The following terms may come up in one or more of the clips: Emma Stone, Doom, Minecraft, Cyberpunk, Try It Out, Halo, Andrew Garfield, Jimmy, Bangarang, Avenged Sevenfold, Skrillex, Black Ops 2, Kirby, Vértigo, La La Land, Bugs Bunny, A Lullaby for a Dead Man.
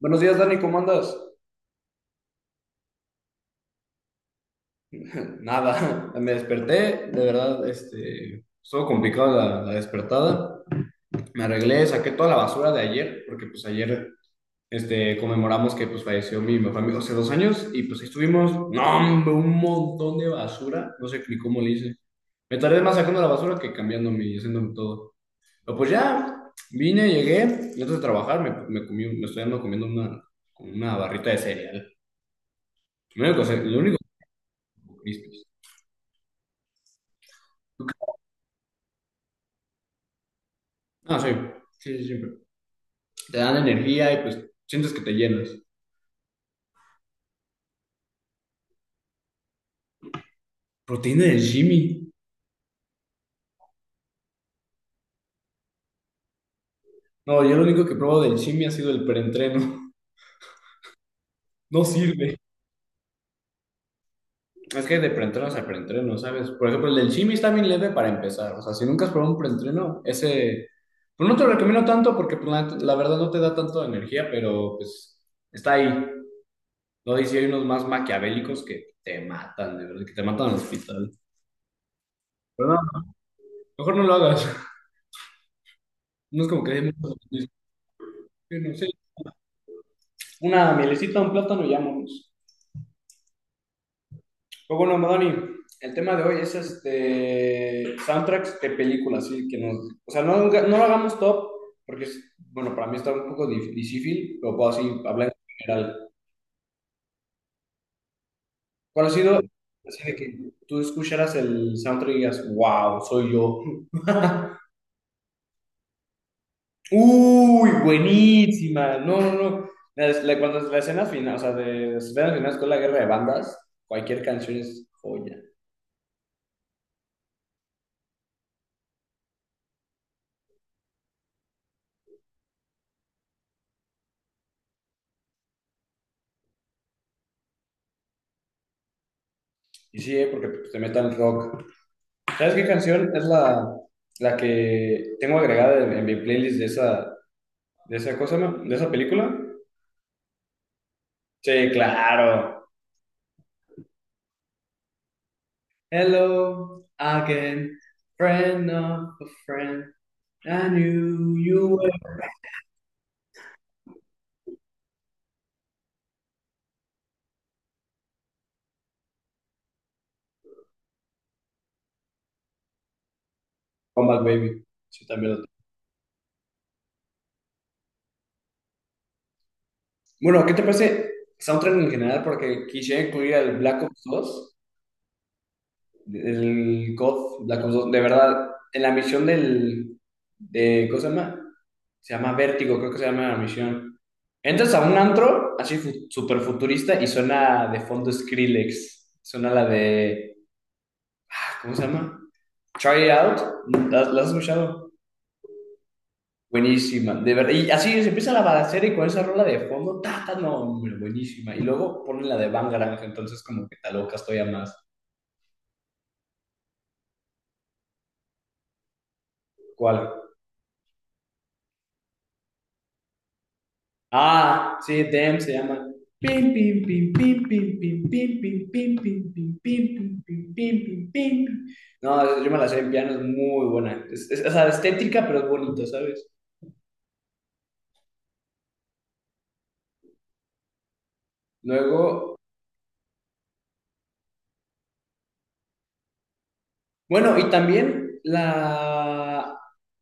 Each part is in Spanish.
Buenos días, Dani, ¿cómo andas? Nada, me desperté, de verdad, estuvo complicado la despertada. Me arreglé, saqué toda la basura de ayer, porque pues ayer, conmemoramos que pues falleció mi mejor amigo hace 2 años y pues ahí estuvimos, no, hombre, un montón de basura, no sé ni cómo le hice. Me tardé más sacando la basura que cambiándome y haciéndome todo. Pero pues ya, vine, llegué, y antes de trabajar me comí, me estoy andando comiendo como una barrita de cereal. Lo único, lo único que comí, pues. Ah, sí, sí, sí, siempre. Te dan energía y pues sientes que te llenas. Proteína del Jimmy. No, yo lo único que probo del Jimmy ha sido el preentreno. No sirve. Es que de preentrenos a preentreno, ¿sabes? Por ejemplo, el del Jimmy está bien leve para empezar. O sea, si nunca has probado un preentreno, ese. Pues no te lo recomiendo tanto porque pues, la verdad no te da tanto energía, pero pues está ahí. No dice, hay unos más maquiavélicos que te matan, de verdad, que te matan al hospital. Pero no, mejor no lo hagas. No es como que hay muchos. Una mielecita, un plátano y vámonos. Pues bueno, Madani, el tema de hoy es soundtracks de películas, sí, que nos, o sea, no, no lo hagamos top, porque es, bueno, para mí está un poco difícil, pero puedo así hablar en general. ¿Cuál ha sido así de que tú escucharas el soundtrack y digas, wow, soy yo? Uy, buenísima. No, no, no. Cuando la escena final, o sea, de las escenas finales con la guerra de bandas, cualquier canción es joya. Y sí, ¿eh? Porque pues, te metan rock. ¿Sabes qué canción es la que tengo agregada en mi playlist de esa cosa, no, de esa película? Sí, claro. Hello again, friend of a friend. I knew you were. Comeback Baby. Sí, también lo tengo. Bueno, ¿qué te parece soundtrack en general? Porque quisiera incluir al Black Ops 2. El God, Black Ops 2, de verdad, en la misión de, ¿cómo se llama? Se llama Vértigo, creo que se llama la misión. Entras a un antro, así super futurista, y suena de fondo Skrillex. Suena la de, ¿cómo se llama? Try It Out, ¿la has escuchado? Buenísima, de verdad. Y así se empieza la balacera y con esa rola de fondo, ta, ta, no, hombre, buenísima. Y luego ponen la de Bangarang, entonces como que te alocas todavía más. ¿Cuál? Ah, sí, Dem se llama. Pim, pim, pim, pim, pim, pim, pim, pim, pim, pim, pim, pim, pim, pim, pim, pim, pim. No, yo me la sé en piano, es muy buena. O sea, estética, pero es bonito, ¿sabes? Luego, bueno, y también la,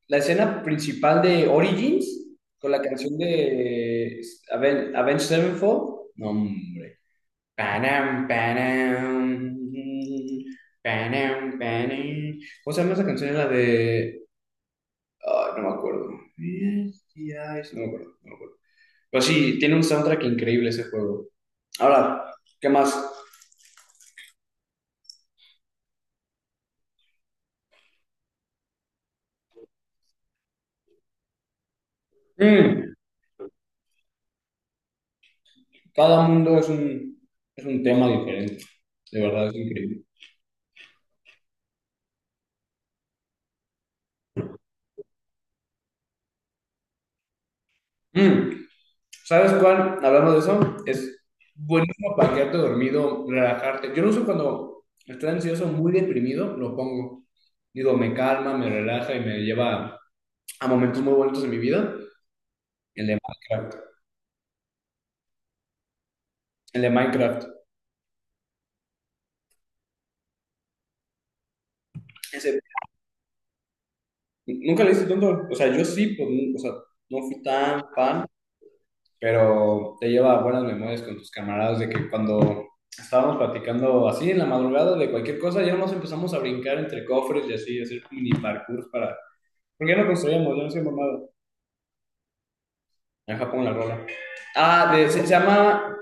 la escena principal de Origins con la canción de Avenged Sevenfold. No, hombre. Panam, panam, panam, panam. ¿Cómo se llama esa canción? La de, no me acuerdo. Misty Eyes, no me acuerdo, no me acuerdo. Pero sí, tiene un soundtrack increíble ese juego. Ahora, ¿qué más? Mm, cada mundo es un tema diferente. De verdad, es increíble. Mm, ¿Sabes cuál? Hablamos de eso. Es buenísimo para quedarte dormido, relajarte. Yo lo uso cuando estoy ansioso, muy deprimido, lo pongo. Digo, me calma, me relaja y me lleva a momentos muy bonitos en mi vida. El de Minecraft. El de Minecraft. Ese- Nunca le hice tanto. O sea, yo sí, pues, o sea, no fui tan fan, pero te lleva a buenas memorias con tus camaradas de que cuando estábamos platicando así en la madrugada de cualquier cosa, ya nos empezamos a brincar entre cofres y así, hacer mini parkour para. ¿Por qué no construimos? Yo no soy mamado. Deja pongo la rola. Se llama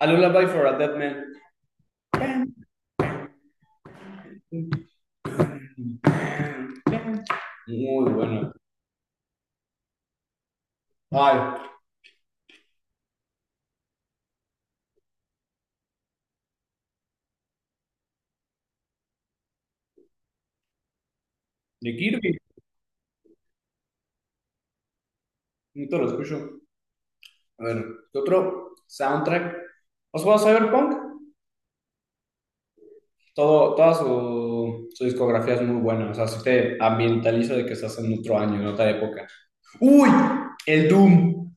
A Lullaby for a Dead Man. Muy bueno. Ay, de Kirby. Nunca lo escucho. A ver, ¿qué otro soundtrack? ¿Os juega Cyberpunk? Toda su discografía es muy buena. O sea, si te ambientaliza de que estás en otro año, en otra época. ¡Uy! El Doom.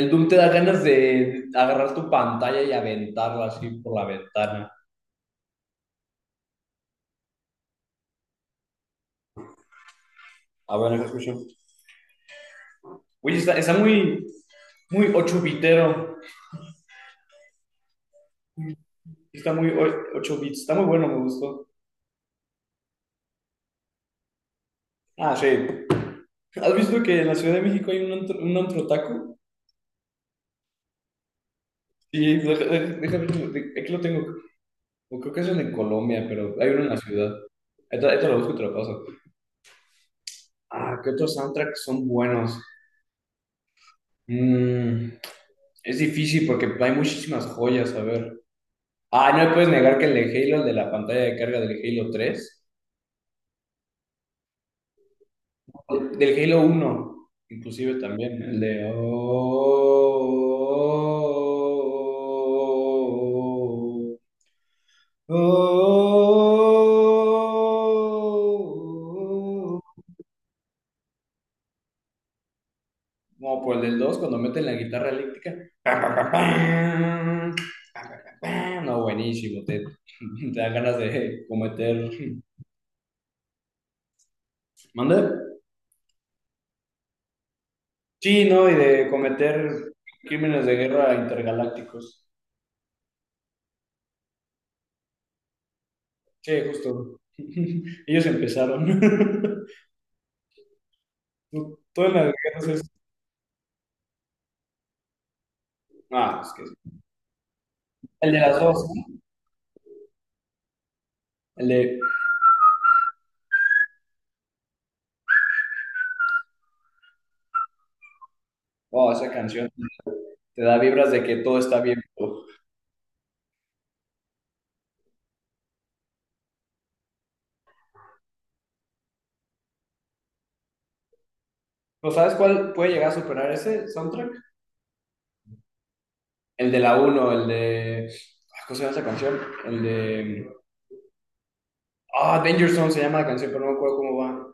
El Doom te da ganas de agarrar tu pantalla y aventarla así por la ventana. A ver, deja escucho. Oye, está muy, muy 8 bitero. Está muy 8 bits. Está muy bueno, me gustó. Ah, sí. ¿Has visto que en la Ciudad de México hay un antro taco? Sí, déjame, aquí lo tengo. O creo que es en Colombia, pero hay uno en la ciudad. Esto lo busco y te lo paso. Ah, ¿qué otros soundtracks son buenos? Mm, es difícil porque hay muchísimas joyas, a ver. Ah, no me puedes negar que el de Halo, el de la pantalla de carga del Halo tres, del Halo uno, inclusive también, el de. Oh, oh, oh, oh, oh. No, pues el del 2 cuando meten la guitarra eléctrica. Pam, pam, pam, pam, pam, pam, pam. Pam. No, buenísimo, te, te dan ganas de cometer. ¿Mande? Sí, ¿no? Y de cometer crímenes de guerra intergalácticos. Sí, justo. Ellos empezaron. Tú en las guerras es. Ah, es que sí. El de las dos, ¿no? El de. Oh, esa canción te da vibras de que todo está bien. ¿No sabes cuál puede llegar a superar ese soundtrack? El de la uno, el de, ¿cómo se llama esa canción? El de. Ah, Danger Zone se llama la canción, pero no me acuerdo cómo va.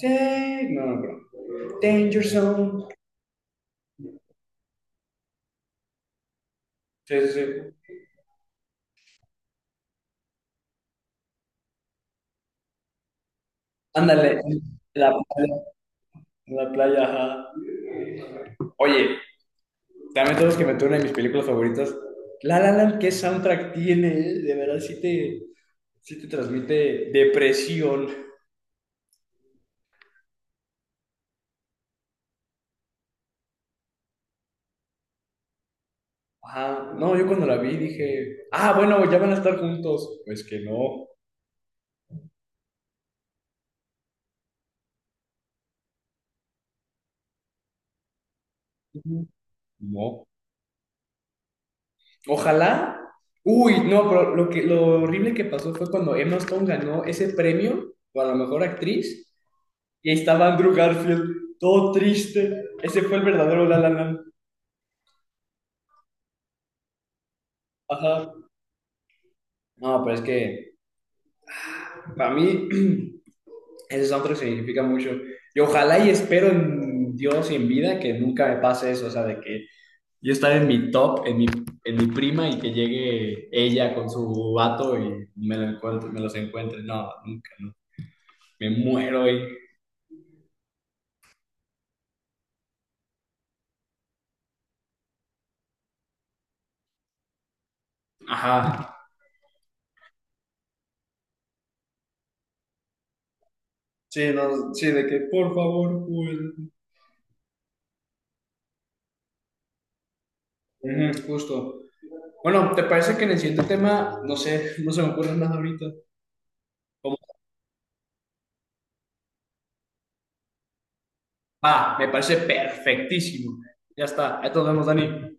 Sí, no, no, pero. Danger Zone. Sí, sí, sí. Ándale. La, Una playa, ajá. Oye, también todos que meter una de mis películas favoritas. La La Land, ¿qué soundtrack tiene, eh? De verdad, sí te transmite depresión. Ajá. No, yo cuando la vi dije, ah, bueno, ya van a estar juntos. Pues que no. Ujú. No. Ojalá. Uy, no, pero lo horrible que pasó fue cuando Emma Stone ganó ese premio para la mejor actriz y ahí estaba Andrew Garfield, todo triste. Ese fue el verdadero La La Land. Ajá. No, pero es que para mí ese soundtrack significa mucho. Y ojalá y espero en Dios y en vida que nunca me pase eso, o sea, de que yo estar en mi top, en mi prima y que llegue ella con su vato y lo encuentre, me los encuentre. No, nunca, no. Me muero y. Ajá. Sí, no, sí, de que por favor, Joel. Ujú. Justo. Bueno, ¿te parece que en el siguiente tema, no sé, no se me ocurre nada ahorita? Como Va, me parece perfectísimo. Ya está. Ahí nos vemos, Dani.